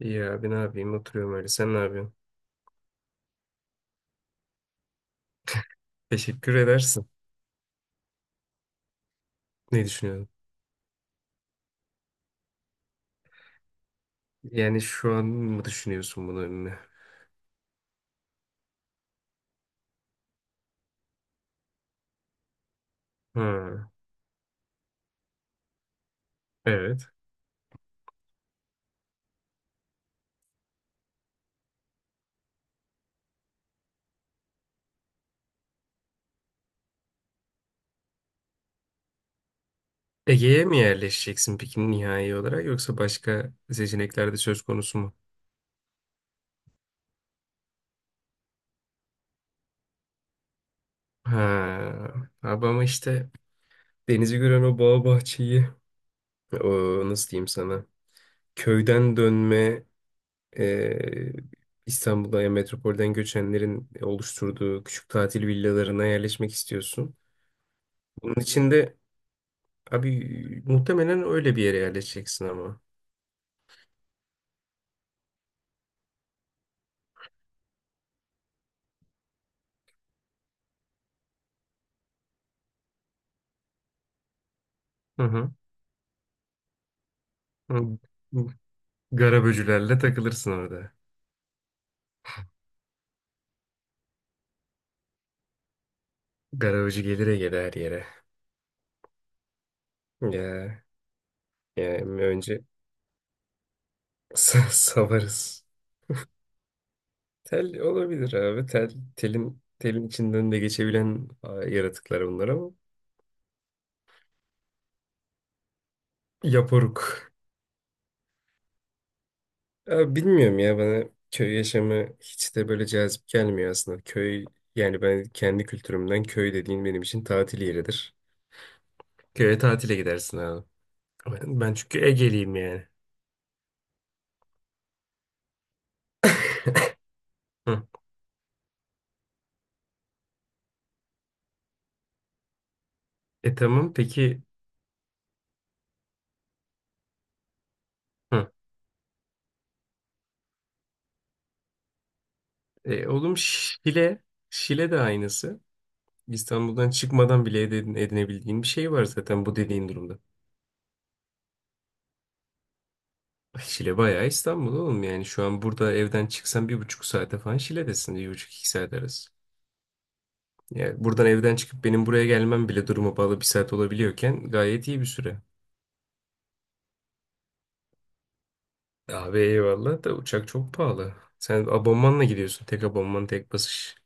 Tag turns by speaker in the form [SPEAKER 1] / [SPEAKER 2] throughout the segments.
[SPEAKER 1] İyi abi ne yapayım oturuyorum öyle. Sen ne yapıyorsun? Teşekkür edersin. Ne düşünüyorsun? Yani şu an mı düşünüyorsun bunu önüne? Ha, evet. Ege'ye mi yerleşeceksin peki nihai olarak yoksa başka seçenekler de söz konusu mu? Ha, abi ama işte denizi gören o bağ bahçeyi o nasıl diyeyim sana köyden dönme e, İstanbul'a ya metropolden göçenlerin oluşturduğu küçük tatil villalarına yerleşmek istiyorsun. Bunun için de abi muhtemelen öyle bir yere yerleşeceksin ama. Hı hı. Hı. Garaböcülerle takılırsın orada. Garaböcü gelire gele her yere. Ya, yani önce savarız. Tel olabilir abi. Tel, telin içinden de geçebilen yaratıklar bunlar ama. Yaporuk. Abi bilmiyorum ya bana köy yaşamı hiç de böyle cazip gelmiyor aslında. Köy yani ben kendi kültürümden köy dediğin benim için tatil yeridir. Köye tatile gidersin abi. Aynen, ben çünkü Ege'liyim yani. Hı. E tamam peki. Hı. E, oğlum Şile. Şile de aynısı. İstanbul'dan çıkmadan bile edinebildiğin bir şey var zaten bu dediğin durumda. Şile bayağı İstanbul oğlum yani. Şu an burada evden çıksan bir buçuk saate falan Şile'desin. Bir buçuk iki saat arası. Yani buradan evden çıkıp benim buraya gelmem bile duruma bağlı bir saat olabiliyorken gayet iyi bir süre. Abi eyvallah da uçak çok pahalı. Sen abonmanla gidiyorsun. Tek abonman tek basış.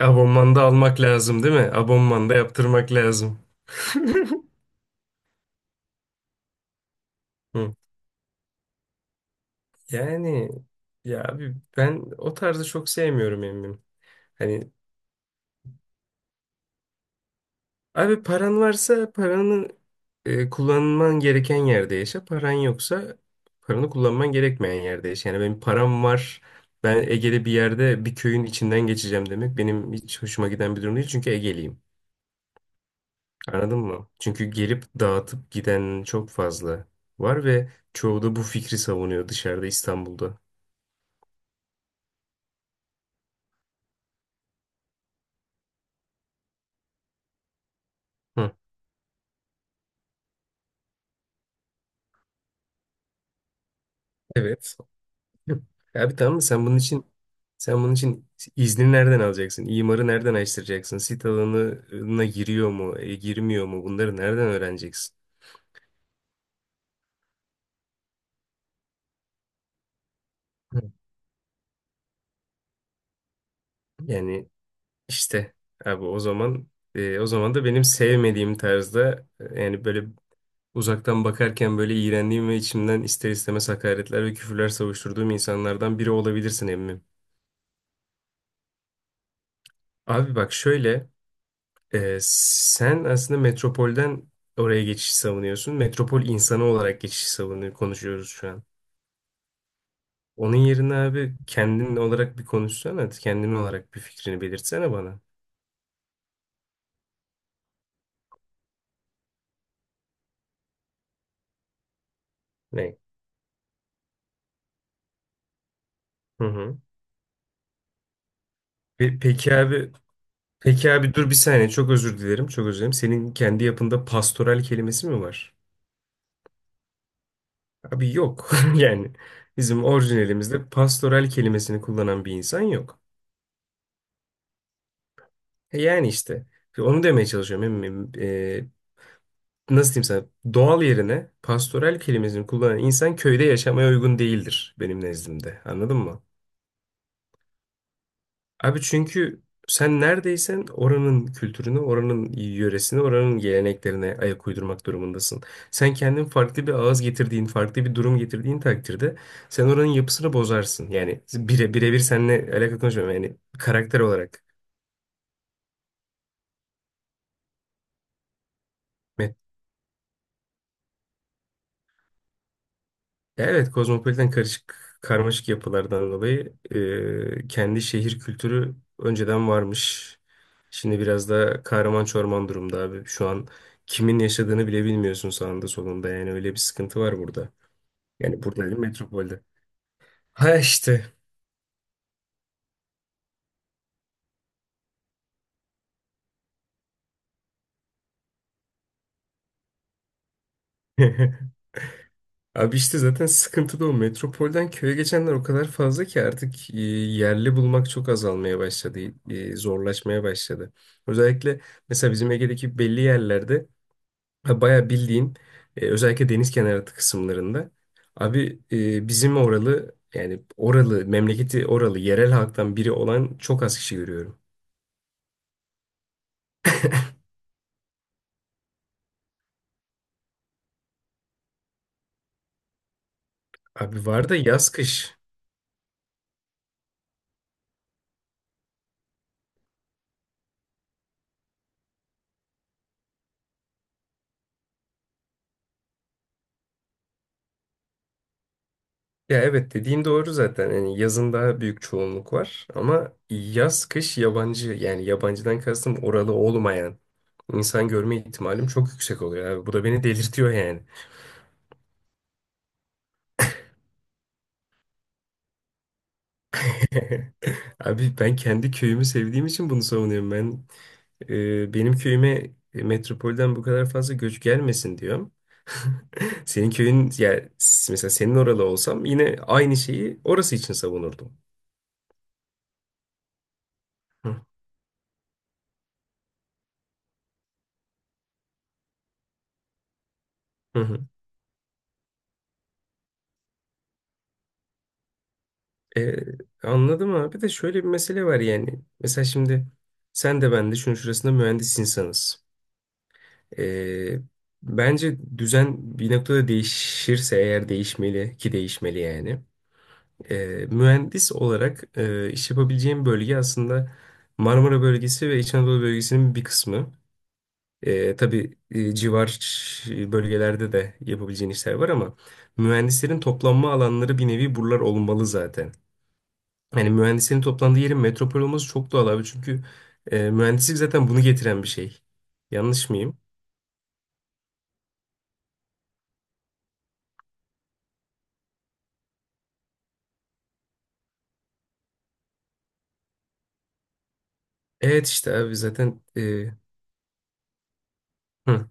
[SPEAKER 1] Abonmanda almak lazım değil mi? Abonmanda yaptırmak lazım. Hı. Yani ya abi ben o tarzı çok sevmiyorum emmim. Hani abi paran varsa paranı kullanman gereken yerde yaşa. Paran yoksa paranı kullanman gerekmeyen yerde yaşa. Yani benim param var. Ben Ege'de bir yerde bir köyün içinden geçeceğim demek benim hiç hoşuma giden bir durum değil. Çünkü Ege'liyim. Anladın mı? Çünkü gelip dağıtıp giden çok fazla var ve çoğu da bu fikri savunuyor dışarıda İstanbul'da. Hı. Evet. Hı. Abi tamam sen bunun için izni nereden alacaksın? İmarı nereden açtıracaksın? Sit alanına giriyor mu, girmiyor mu? Bunları nereden öğreneceksin? Hı. Yani işte abi o zaman da benim sevmediğim tarzda yani böyle uzaktan bakarken böyle iğrendiğim ve içimden ister istemez hakaretler ve küfürler savuşturduğum insanlardan biri olabilirsin emmim. Abi bak şöyle, sen aslında metropolden oraya geçişi savunuyorsun. Metropol insanı olarak geçişi savunuyor, konuşuyoruz şu an. Onun yerine abi kendin olarak bir konuşsana, kendin olarak bir fikrini belirtsene bana. Ne? Hı hı. Pe- peki abi, peki abi, dur bir saniye çok özür dilerim, çok özür dilerim. Senin kendi yapında pastoral kelimesi mi var? Abi yok. Yani bizim orijinalimizde pastoral kelimesini kullanan bir insan yok. E yani işte onu demeye çalışıyorum. Nasıl diyeyim sana? Doğal yerine pastoral kelimesini kullanan insan köyde yaşamaya uygun değildir benim nezdimde. Anladın mı? Abi çünkü sen neredeysen oranın kültürünü, oranın yöresini, oranın geleneklerine ayak uydurmak durumundasın. Sen kendin farklı bir ağız getirdiğin, farklı bir durum getirdiğin takdirde sen oranın yapısını bozarsın. Yani birebir seninle alakalı konuşmuyorum. Yani karakter olarak. Evet, kozmopolitan karışık karmaşık yapılardan dolayı kendi şehir kültürü önceden varmış. Şimdi biraz da kahraman çorman durumda abi. Şu an kimin yaşadığını bile bilmiyorsun sağında solunda. Yani öyle bir sıkıntı var burada. Yani burada değil, metropolde. Ha işte. Abi işte zaten sıkıntı da o. Metropolden köye geçenler o kadar fazla ki artık yerli bulmak çok azalmaya başladı. Zorlaşmaya başladı. Özellikle mesela bizim Ege'deki belli yerlerde Ha, bayağı bildiğin özellikle deniz kenarı kısımlarında abi bizim oralı yani oralı memleketi oralı yerel halktan biri olan çok az kişi görüyorum. Abi var da yaz kış. Ya evet dediğin doğru zaten. Yani yazın daha büyük çoğunluk var ama yaz kış yabancı yani yabancıdan kastım oralı olmayan insan görme ihtimalim çok yüksek oluyor abi. Bu da beni delirtiyor yani. Abi ben kendi köyümü sevdiğim için bunu savunuyorum ben. Benim köyüme metropolden bu kadar fazla göç gelmesin diyorum. Senin köyün yani mesela senin oralı olsam yine aynı şeyi orası için savunurdum. Hı hı. Hı. Ee, Anladım abi de şöyle bir mesele var yani. Mesela şimdi sen de ben de şunun şurasında mühendis insanız. Ee, Bence düzen bir noktada değişirse eğer değişmeli ki değişmeli yani. E, mühendis olarak iş yapabileceğim bölge aslında Marmara bölgesi ve İç Anadolu bölgesinin bir kısmı. E, tabii civar bölgelerde de yapabileceğin işler var ama mühendislerin toplanma alanları bir nevi buralar olmalı zaten. Yani mühendislerin toplandığı yerin metropol olması çok doğal abi çünkü mühendislik zaten bunu getiren bir şey. Yanlış mıyım? Evet işte abi zaten hı,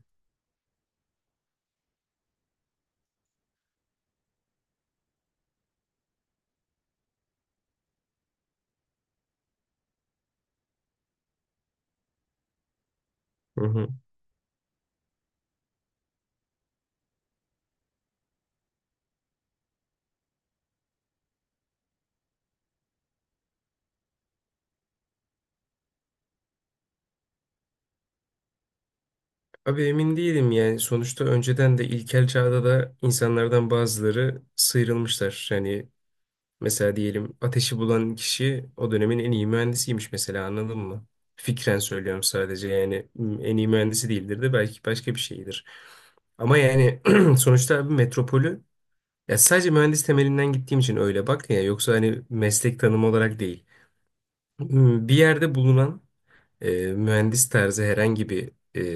[SPEAKER 1] hı hı. Abi emin değilim yani sonuçta önceden de ilkel çağda da insanlardan bazıları sıyrılmışlar. Yani mesela diyelim ateşi bulan kişi o dönemin en iyi mühendisiymiş mesela anladın mı? Fikren söylüyorum sadece yani en iyi mühendisi değildir de belki başka bir şeydir. Ama yani sonuçta abi metropolü ya sadece mühendis temelinden gittiğim için öyle bak ya yoksa hani meslek tanımı olarak değil. Bir yerde bulunan mühendis tarzı herhangi bir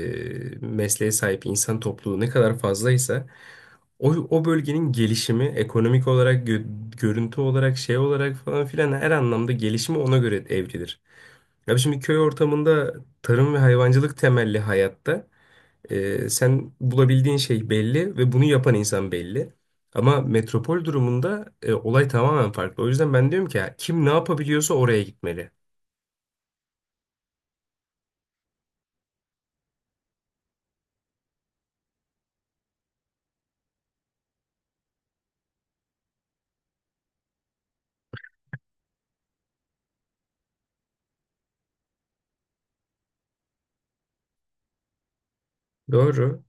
[SPEAKER 1] mesleğe sahip insan topluluğu ne kadar fazlaysa o bölgenin gelişimi ekonomik olarak, görüntü olarak, şey olarak falan filan her anlamda gelişimi ona göre evrilir. Abi şimdi köy ortamında tarım ve hayvancılık temelli hayatta sen bulabildiğin şey belli ve bunu yapan insan belli. Ama metropol durumunda olay tamamen farklı. O yüzden ben diyorum ki ya, kim ne yapabiliyorsa oraya gitmeli. Doğru.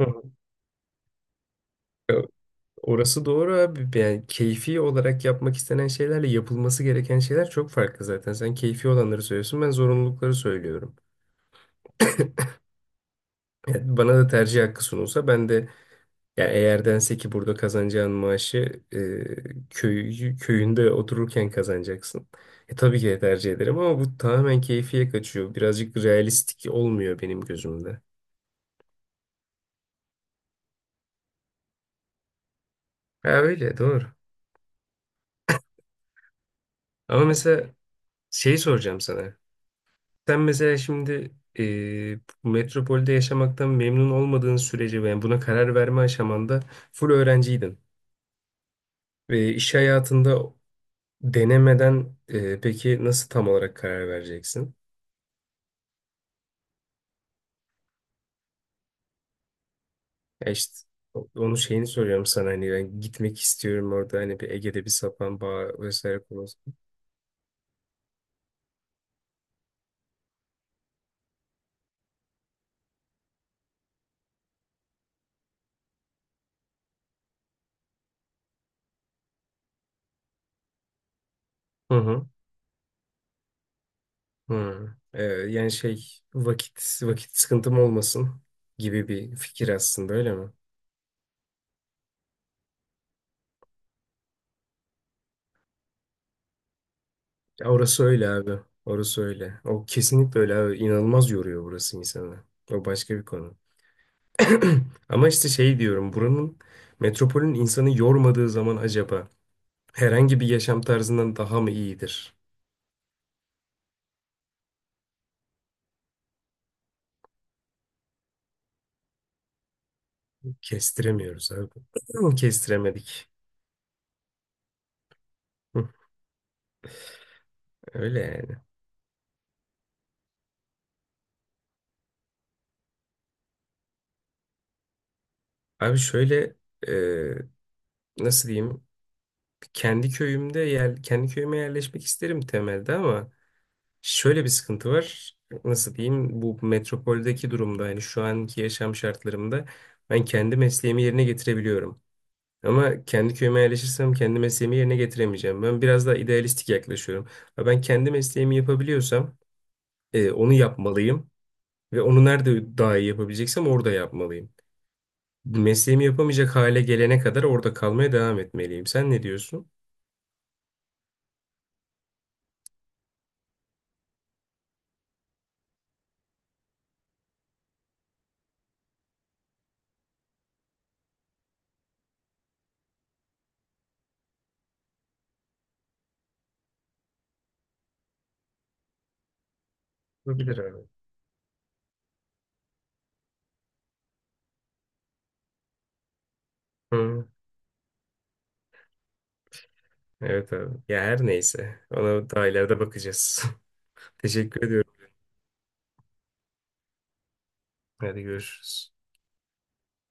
[SPEAKER 1] Hı. Orası doğru abi. Yani keyfi olarak yapmak istenen şeylerle yapılması gereken şeyler çok farklı zaten. Sen keyfi olanları söylüyorsun, ben zorunlulukları söylüyorum. Yani bana da tercih hakkı sunulsa ben de yani eğer dense ki burada kazanacağın maaşı köyünde otururken kazanacaksın. E, tabii ki de tercih ederim ama bu tamamen keyfiye kaçıyor. Birazcık realistik olmuyor benim gözümde. Ha öyle doğru. Ama mesela şeyi soracağım sana. Sen mesela şimdi metropolde yaşamaktan memnun olmadığın sürece yani buna karar verme aşamanda full öğrenciydin. Ve iş hayatında denemeden peki nasıl tam olarak karar vereceksin? Ya işte o- şeyini soruyorum sana hani ben gitmek istiyorum orada hani bir Ege'de bir sapan bağ vesaire konusu. Hı hı. Hı. Yani şey vakit vakit sıkıntım olmasın gibi bir fikir aslında öyle mi? Ya orası öyle abi. Orası öyle. O kesinlikle öyle abi. İnanılmaz yoruyor burası insanı. O başka bir konu. Ama işte şey diyorum. Buranın metropolün insanı yormadığı zaman acaba herhangi bir yaşam tarzından daha mı iyidir? Kestiremiyoruz abi. Kestiremedik. Hı, öyle yani. Abi şöyle e, nasıl diyeyim? Kendi köyüme yerleşmek isterim temelde ama şöyle bir sıkıntı var. Nasıl diyeyim? Bu metropoldeki durumda yani şu anki yaşam şartlarımda ben kendi mesleğimi yerine getirebiliyorum. Ama kendi köyüme yerleşirsem kendi mesleğimi yerine getiremeyeceğim. Ben biraz daha idealistik yaklaşıyorum. Ha, ben kendi mesleğimi yapabiliyorsam onu yapmalıyım. Ve onu nerede daha iyi yapabileceksem orada yapmalıyım. Mesleğimi yapamayacak hale gelene kadar orada kalmaya devam etmeliyim. Sen ne diyorsun? Olabilir abi. Hı, evet abi. Ya her neyse. Ona daha ileride bakacağız. Teşekkür ediyorum. Hadi görüşürüz.